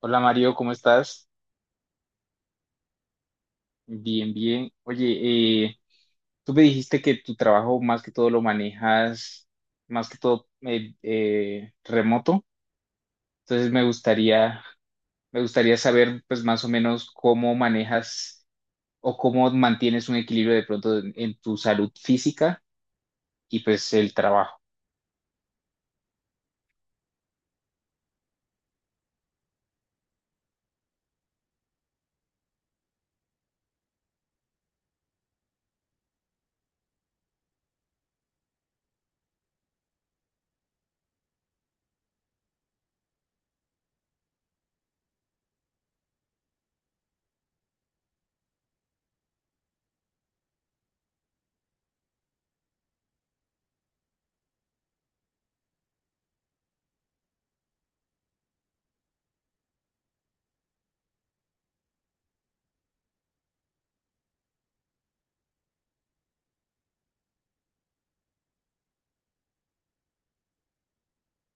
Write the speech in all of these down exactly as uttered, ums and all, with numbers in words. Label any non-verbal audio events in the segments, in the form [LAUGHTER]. Hola Mario, ¿cómo estás? Bien, bien. Oye, eh, tú me dijiste que tu trabajo más que todo lo manejas, más que todo eh, eh, remoto. Entonces me gustaría, me gustaría saber, pues más o menos cómo manejas o cómo mantienes un equilibrio de pronto en, en tu salud física y pues el trabajo.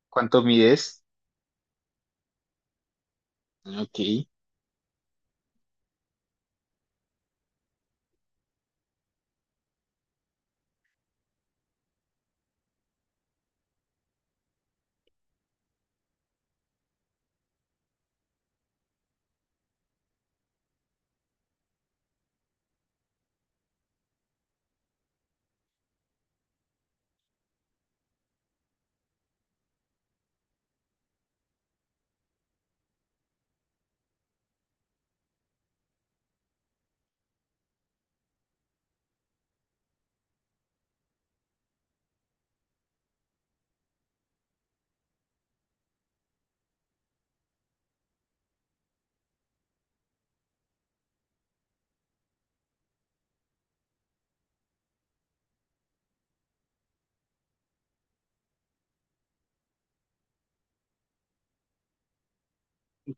¿Cuánto mides? Ok.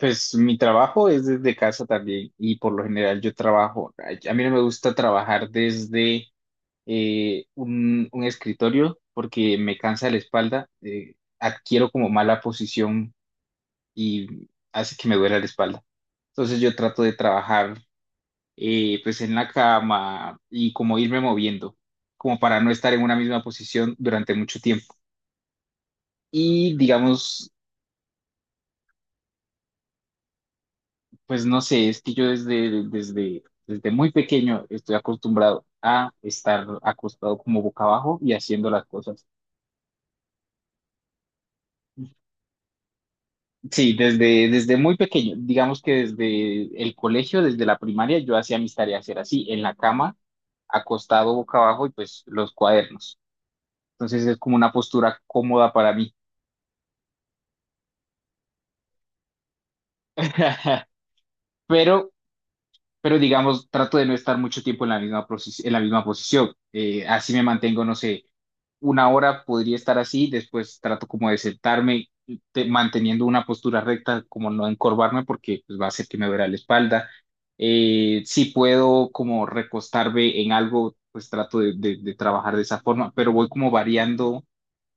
Pues mi trabajo es desde casa también y por lo general yo trabajo. A a mí no me gusta trabajar desde eh, un, un escritorio porque me cansa la espalda, eh, adquiero como mala posición y hace que me duela la espalda. Entonces yo trato de trabajar eh, pues en la cama y como irme moviendo, como para no estar en una misma posición durante mucho tiempo. Y digamos, pues no sé, es que yo desde, desde, desde muy pequeño estoy acostumbrado a estar acostado como boca abajo y haciendo las cosas. Sí, desde, desde muy pequeño, digamos que desde el colegio, desde la primaria, yo hacía mis tareas, era así, en la cama, acostado boca abajo y pues los cuadernos. Entonces es como una postura cómoda para mí. [LAUGHS] Pero pero digamos, trato de no estar mucho tiempo en la misma, posi- en la misma posición. Eh, así me mantengo, no sé, una hora podría estar así, después trato como de sentarme te- manteniendo una postura recta, como no encorvarme porque pues, va a hacer que me duela la espalda. Eh, si puedo como recostarme en algo, pues trato de, de- de trabajar de esa forma, pero voy como variando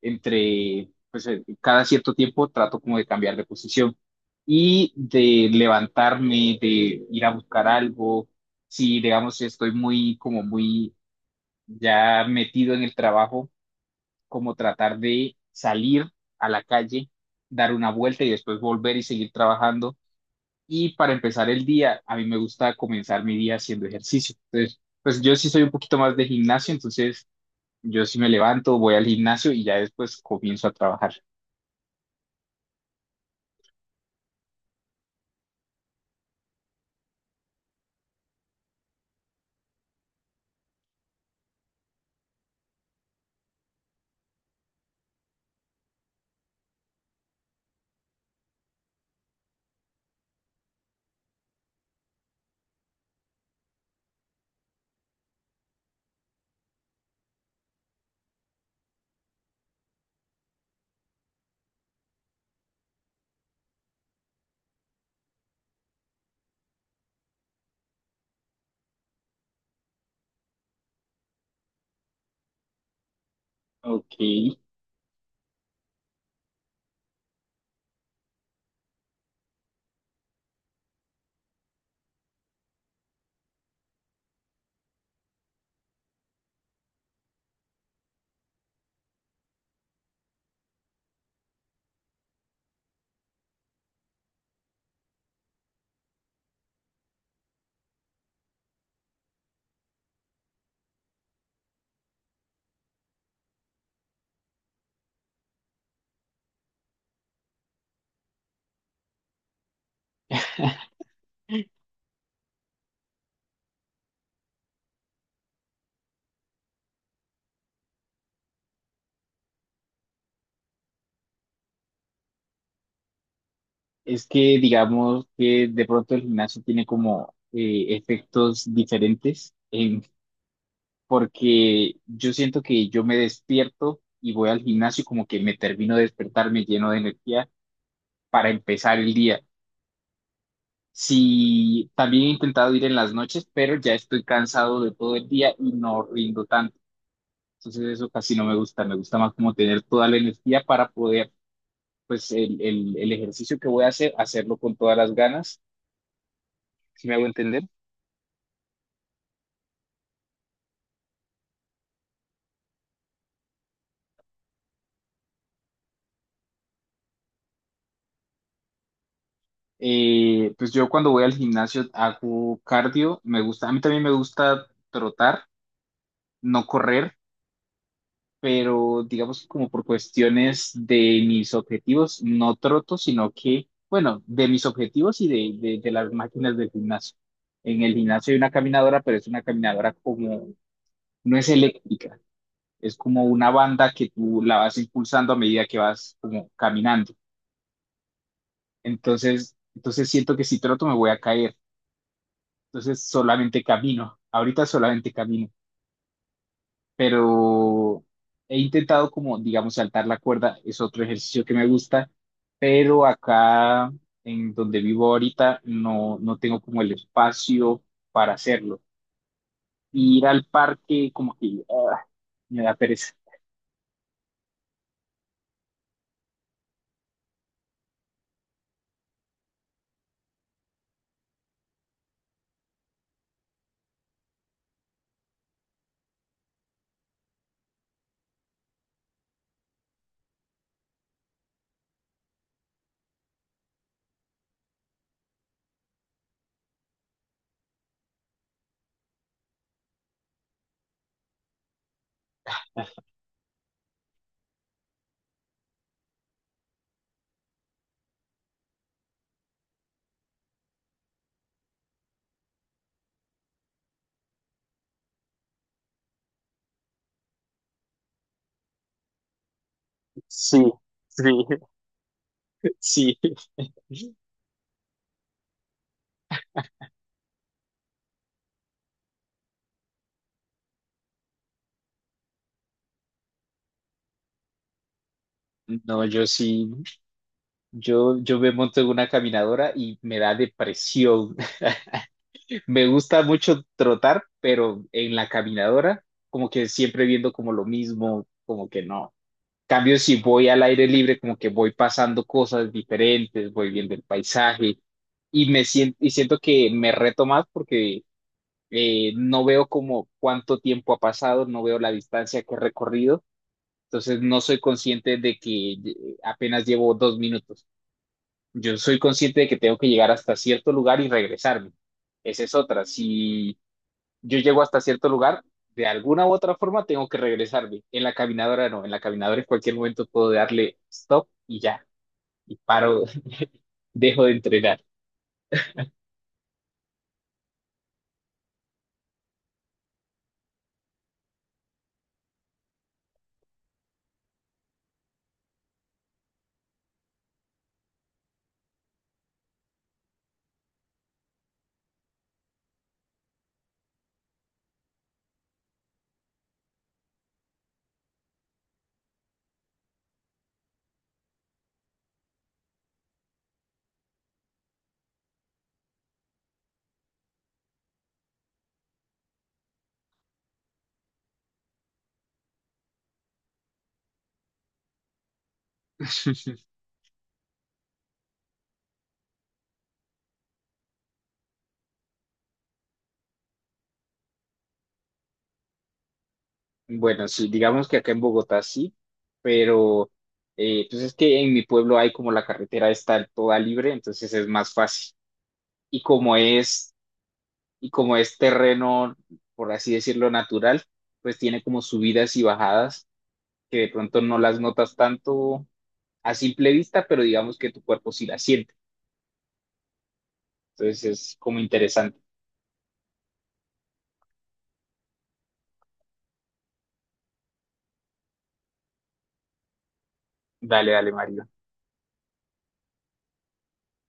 entre, pues eh, cada cierto tiempo trato como de cambiar de posición y de levantarme, de ir a buscar algo. Si, digamos, estoy muy, como muy ya metido en el trabajo, como tratar de salir a la calle, dar una vuelta y después volver y seguir trabajando. Y para empezar el día, a mí me gusta comenzar mi día haciendo ejercicio. Entonces, pues yo sí soy un poquito más de gimnasio, entonces yo sí me levanto, voy al gimnasio y ya después comienzo a trabajar. Ok. Es que digamos que de pronto el gimnasio tiene como eh, efectos diferentes, en- porque yo siento que yo me despierto y voy al gimnasio y como que me termino de despertar, me lleno de energía para empezar el día. Sí, también he intentado ir en las noches, pero ya estoy cansado de todo el día y no rindo tanto. Entonces eso casi no me gusta, me gusta más como tener toda la energía para poder, pues el, el el ejercicio que voy a hacer, hacerlo con todas las ganas, si me hago entender. Eh, pues yo cuando voy al gimnasio hago cardio, me gusta, a mí también me gusta trotar, no correr, pero digamos que como por cuestiones de mis objetivos, no troto, sino que, bueno, de mis objetivos y de, de, de las máquinas del gimnasio. En el gimnasio hay una caminadora, pero es una caminadora como, no es eléctrica, es como una banda que tú la vas impulsando a medida que vas como caminando. Entonces, entonces siento que si troto me voy a caer. Entonces solamente camino, ahorita solamente camino, pero he intentado como, digamos, saltar la cuerda, es otro ejercicio que me gusta, pero acá en donde vivo ahorita no, no tengo como el espacio para hacerlo. Ir al parque como que ah, me da pereza. Sí, sí, [LAUGHS] sí. No, yo sí, yo, yo me monto en una caminadora y me da depresión. [LAUGHS] Me gusta mucho trotar, pero en la caminadora, como que siempre viendo como lo mismo, como que no. Cambio, si voy al aire libre, como que voy pasando cosas diferentes, voy viendo el paisaje y me siento, y siento que me reto más porque eh, no veo como cuánto tiempo ha pasado, no veo la distancia que he recorrido, entonces no soy consciente de que eh, apenas llevo dos minutos. Yo soy consciente de que tengo que llegar hasta cierto lugar y regresarme. Esa es otra. Si yo llego hasta cierto lugar, de alguna u otra forma tengo que regresarme. En la caminadora no, en la caminadora en cualquier momento puedo darle stop y ya, y paro, [LAUGHS] dejo de entrenar. [LAUGHS] Bueno, sí, digamos que acá en Bogotá sí, pero eh, pues es que en mi pueblo hay como la carretera está toda libre, entonces es más fácil. Y como es, y como es terreno, por así decirlo, natural, pues tiene como subidas y bajadas que de pronto no las notas tanto a simple vista, pero digamos que tu cuerpo sí la siente. Entonces es como interesante. Dale, dale, Mario.